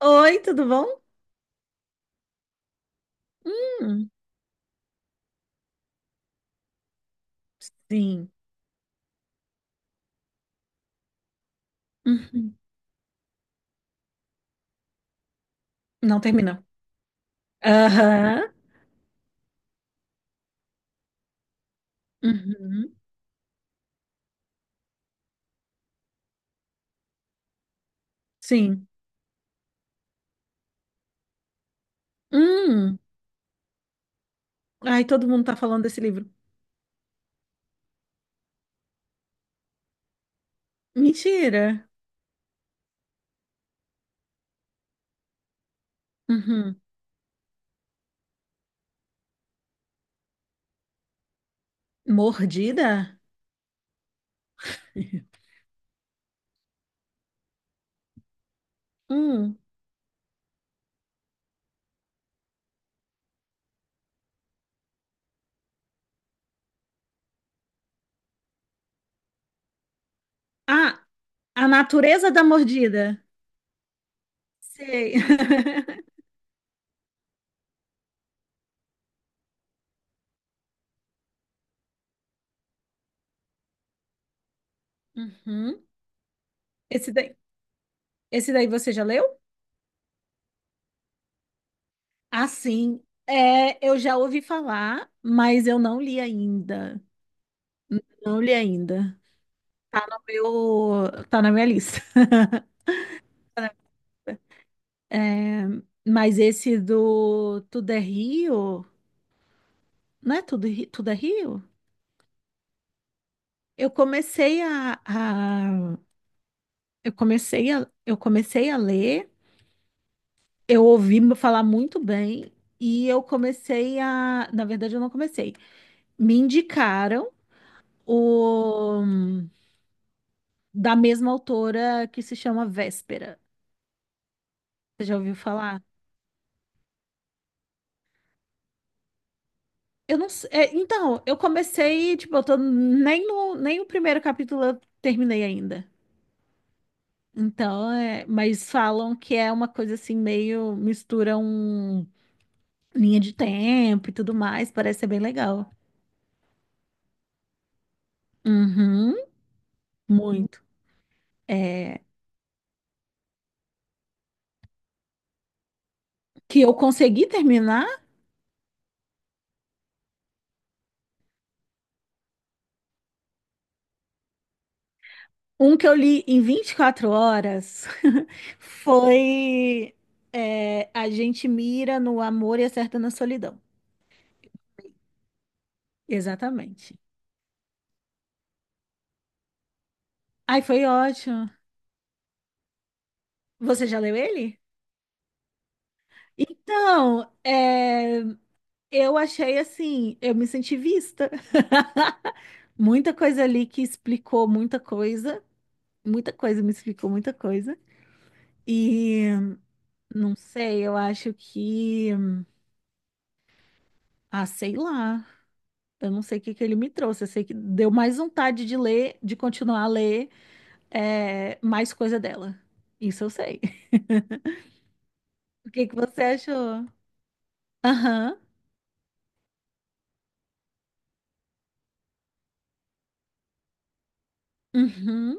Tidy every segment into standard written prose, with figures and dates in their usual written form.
Oi, tudo bom? Hum, sim. Uhum. Não termina. Aham. Uhum. Sim. Hum. Ai, todo mundo tá falando desse livro. Mentira. Uhum. Mordida? Hum. Ah, a natureza da mordida. Sei. Uhum. Esse daí, esse daí você já leu? Ah, sim. É, eu já ouvi falar, mas eu não li ainda. Não li ainda. Tá no meu, Tá na minha lista. É, mas esse do Tudo é Rio, não é Tudo é Rio? Eu comecei a, a- eu comecei a ler, eu ouvi falar muito bem e na verdade eu não comecei. Me indicaram o da mesma autora que se chama Véspera. Você já ouviu falar? Eu não sei. É, então, eu comecei, tipo, eu tô nem o primeiro capítulo eu terminei ainda. Então, é, mas falam que é uma coisa assim, meio mistura um linha de tempo e tudo mais, parece ser bem legal. Uhum, muito. É, que eu consegui terminar, um que eu li em 24 horas foi A gente mira no amor e acerta na solidão. Exatamente. Ai, foi ótimo. Você já leu ele? Então, é, eu achei assim, eu me senti vista. Muita coisa ali que explicou muita coisa me explicou muita coisa. E não sei, eu acho que, ah, sei lá, eu não sei o que que ele me trouxe. Eu sei que deu mais vontade de ler, de continuar a ler, mais coisa dela. Isso eu sei. O que que você achou? Aham, uhum,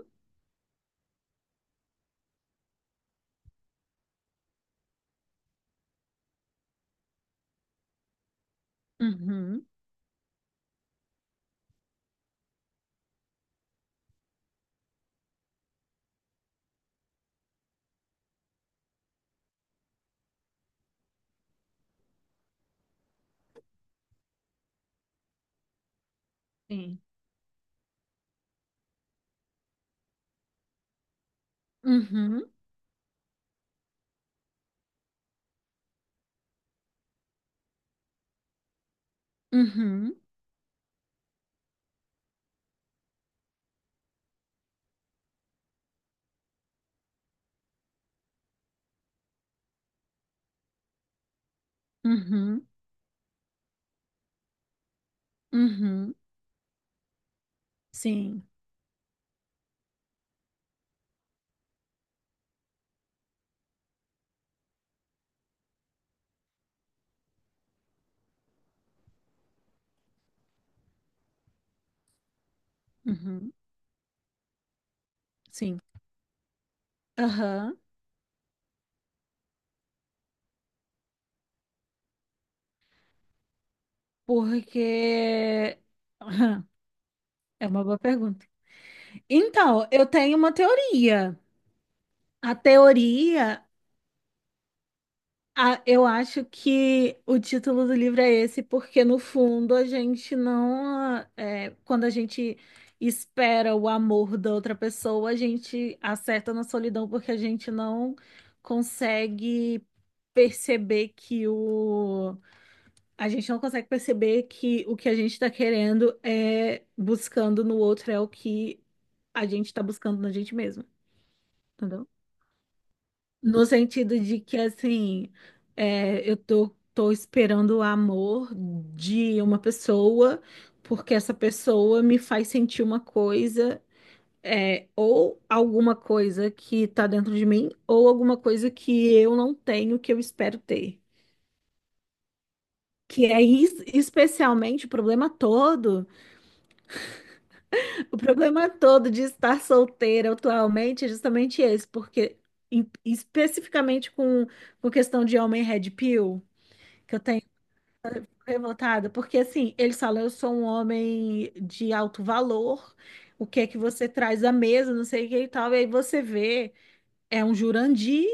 uhum, sim, uhum, uhum, uhum. Uhum, sim, uhum, sim, aham, porque aham, é uma boa pergunta. Então, eu tenho uma teoria. A teoria, eu acho que o título do livro é esse, porque no fundo a gente não, é, quando a gente espera o amor da outra pessoa, a gente acerta na solidão porque a gente não consegue perceber que o A gente não consegue perceber que o que a gente está querendo é buscando no outro é o que a gente está buscando na gente mesma, entendeu? No sentido de que, assim, é, eu tô, esperando o amor de uma pessoa, porque essa pessoa me faz sentir uma coisa, ou alguma coisa que tá dentro de mim, ou alguma coisa que eu não tenho, que eu espero ter. Que é especialmente o problema todo. O problema todo de estar solteira atualmente é justamente esse, porque especificamente com questão de homem red pill, que eu tenho revoltada, porque assim, eles falam, eu sou um homem de alto valor, o que é que você traz à mesa, não sei o que e tal, e aí você vê, é um Jurandir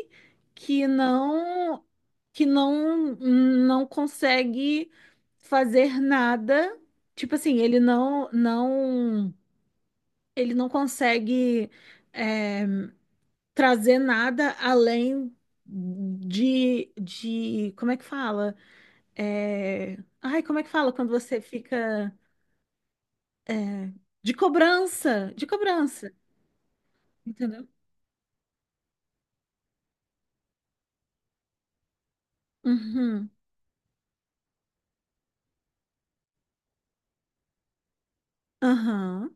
que não que não consegue fazer nada, tipo assim, ele não consegue é, trazer nada além de. Como é que fala? É, ai, como é que fala quando você fica. eh, de cobrança, entendeu? Uhum, aham,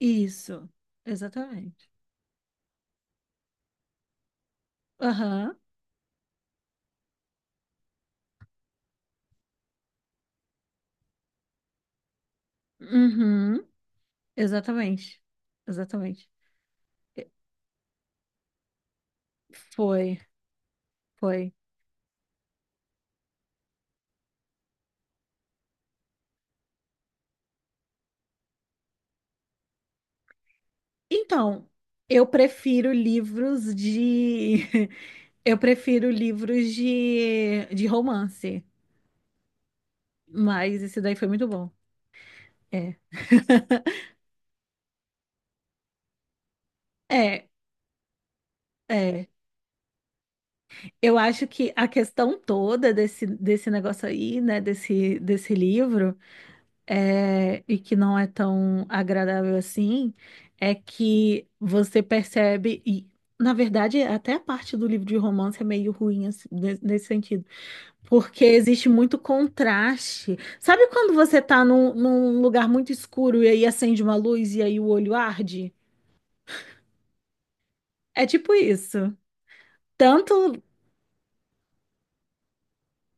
isso, exatamente. Aham, uhum, exatamente, exatamente. E- Foi, foi. Então, eu prefiro livros de Eu prefiro livros de romance, mas esse daí foi muito bom. É. É, é. Eu acho que a questão toda desse negócio aí, né, desse livro, e que não é tão agradável assim, é que você percebe, e na verdade, até a parte do livro de romance é meio ruim assim, nesse sentido. Porque existe muito contraste. Sabe quando você tá num lugar muito escuro e aí acende uma luz e aí o olho arde? É tipo isso. Tanto.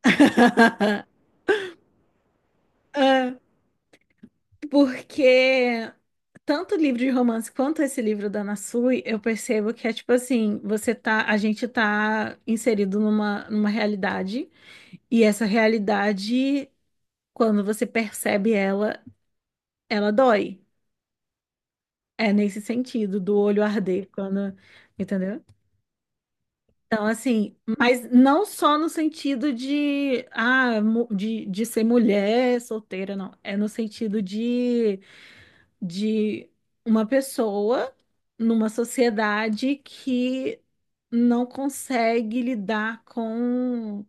Ah, porque tanto o livro de romance quanto esse livro da Ana Sui, eu percebo que é tipo assim, você tá, a gente tá inserido numa realidade, e essa realidade, quando você percebe ela, ela dói. É nesse sentido, do olho arder, quando, entendeu? Então, assim, mas não só no sentido de, ah, de ser mulher solteira, não. É no sentido de uma pessoa numa sociedade que não consegue lidar com.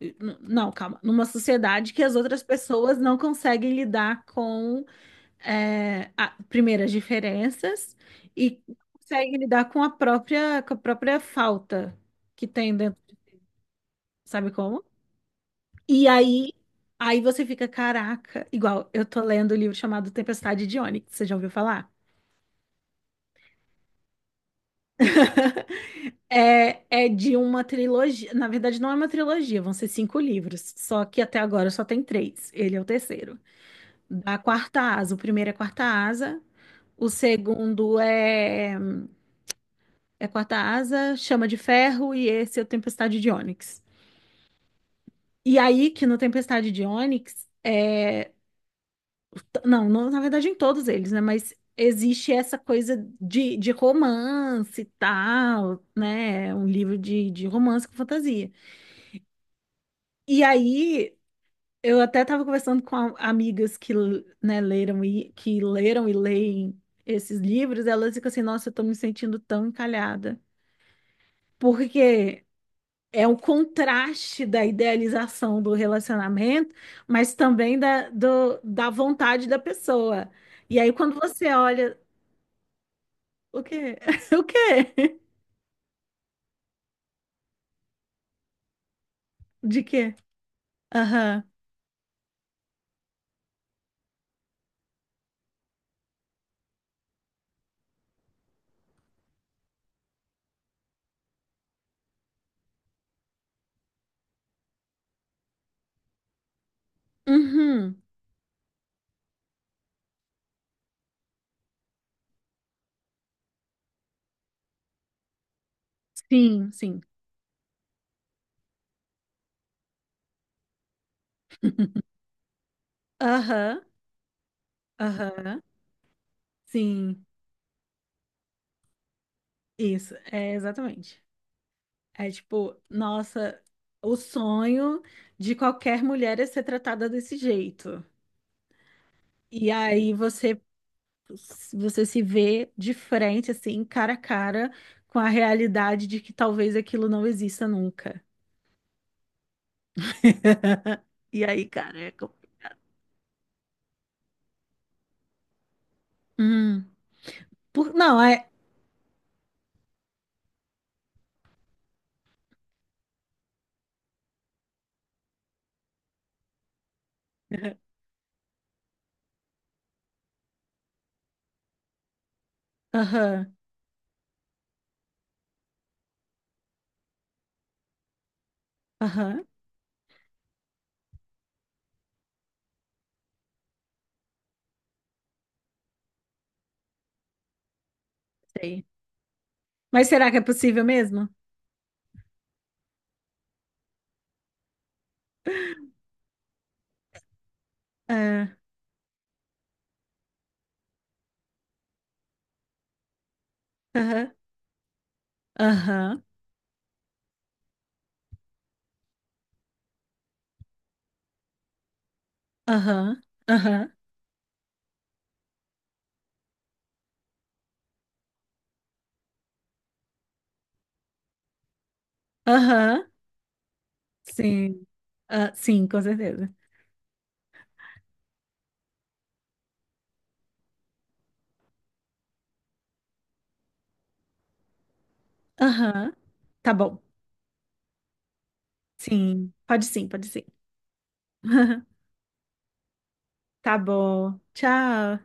Não, calma. Numa sociedade que as outras pessoas não conseguem lidar com, é, a, primeiro, as diferenças e conseguem lidar com a própria falta que tem dentro. Sabe como? E aí, você fica, caraca, igual eu tô lendo o livro chamado Tempestade de Ônix, você já ouviu falar? É de uma trilogia, na verdade não é uma trilogia, vão ser cinco livros, só que até agora só tem três, ele é o terceiro. Da Quarta Asa, o primeiro é Quarta Asa, o segundo é Quarta Asa, Chama de Ferro e esse é o Tempestade de Ônix. E aí que no Tempestade de Ônix. Não, na verdade, em todos eles, né? Mas existe essa coisa de romance e tal, né? Um livro de romance com fantasia. E aí, eu até estava conversando com amigas que, né, leram e, que leram e leem esses livros, elas ficam assim, nossa, eu tô me sentindo tão encalhada. Porque é o contraste da idealização do relacionamento, mas também da vontade da pessoa. E aí, quando você olha. O quê? O quê? De quê? Aham. Uhum. Sim, sim. Aham. Aham. Sim. Isso. É exatamente. É tipo, nossa, o sonho de qualquer mulher é ser tratada desse jeito. E aí você se vê de frente assim, cara a cara com a realidade de que talvez aquilo não exista nunca. E aí, careca. Hum. Não, é. Aham. Aham. Sei. Mas será que é possível mesmo? É, aham, aham, aham, aham, aham, sim, ah, sim, com certeza. Aham, tá bom, sim, pode sim, pode sim. Tá bom, tchau.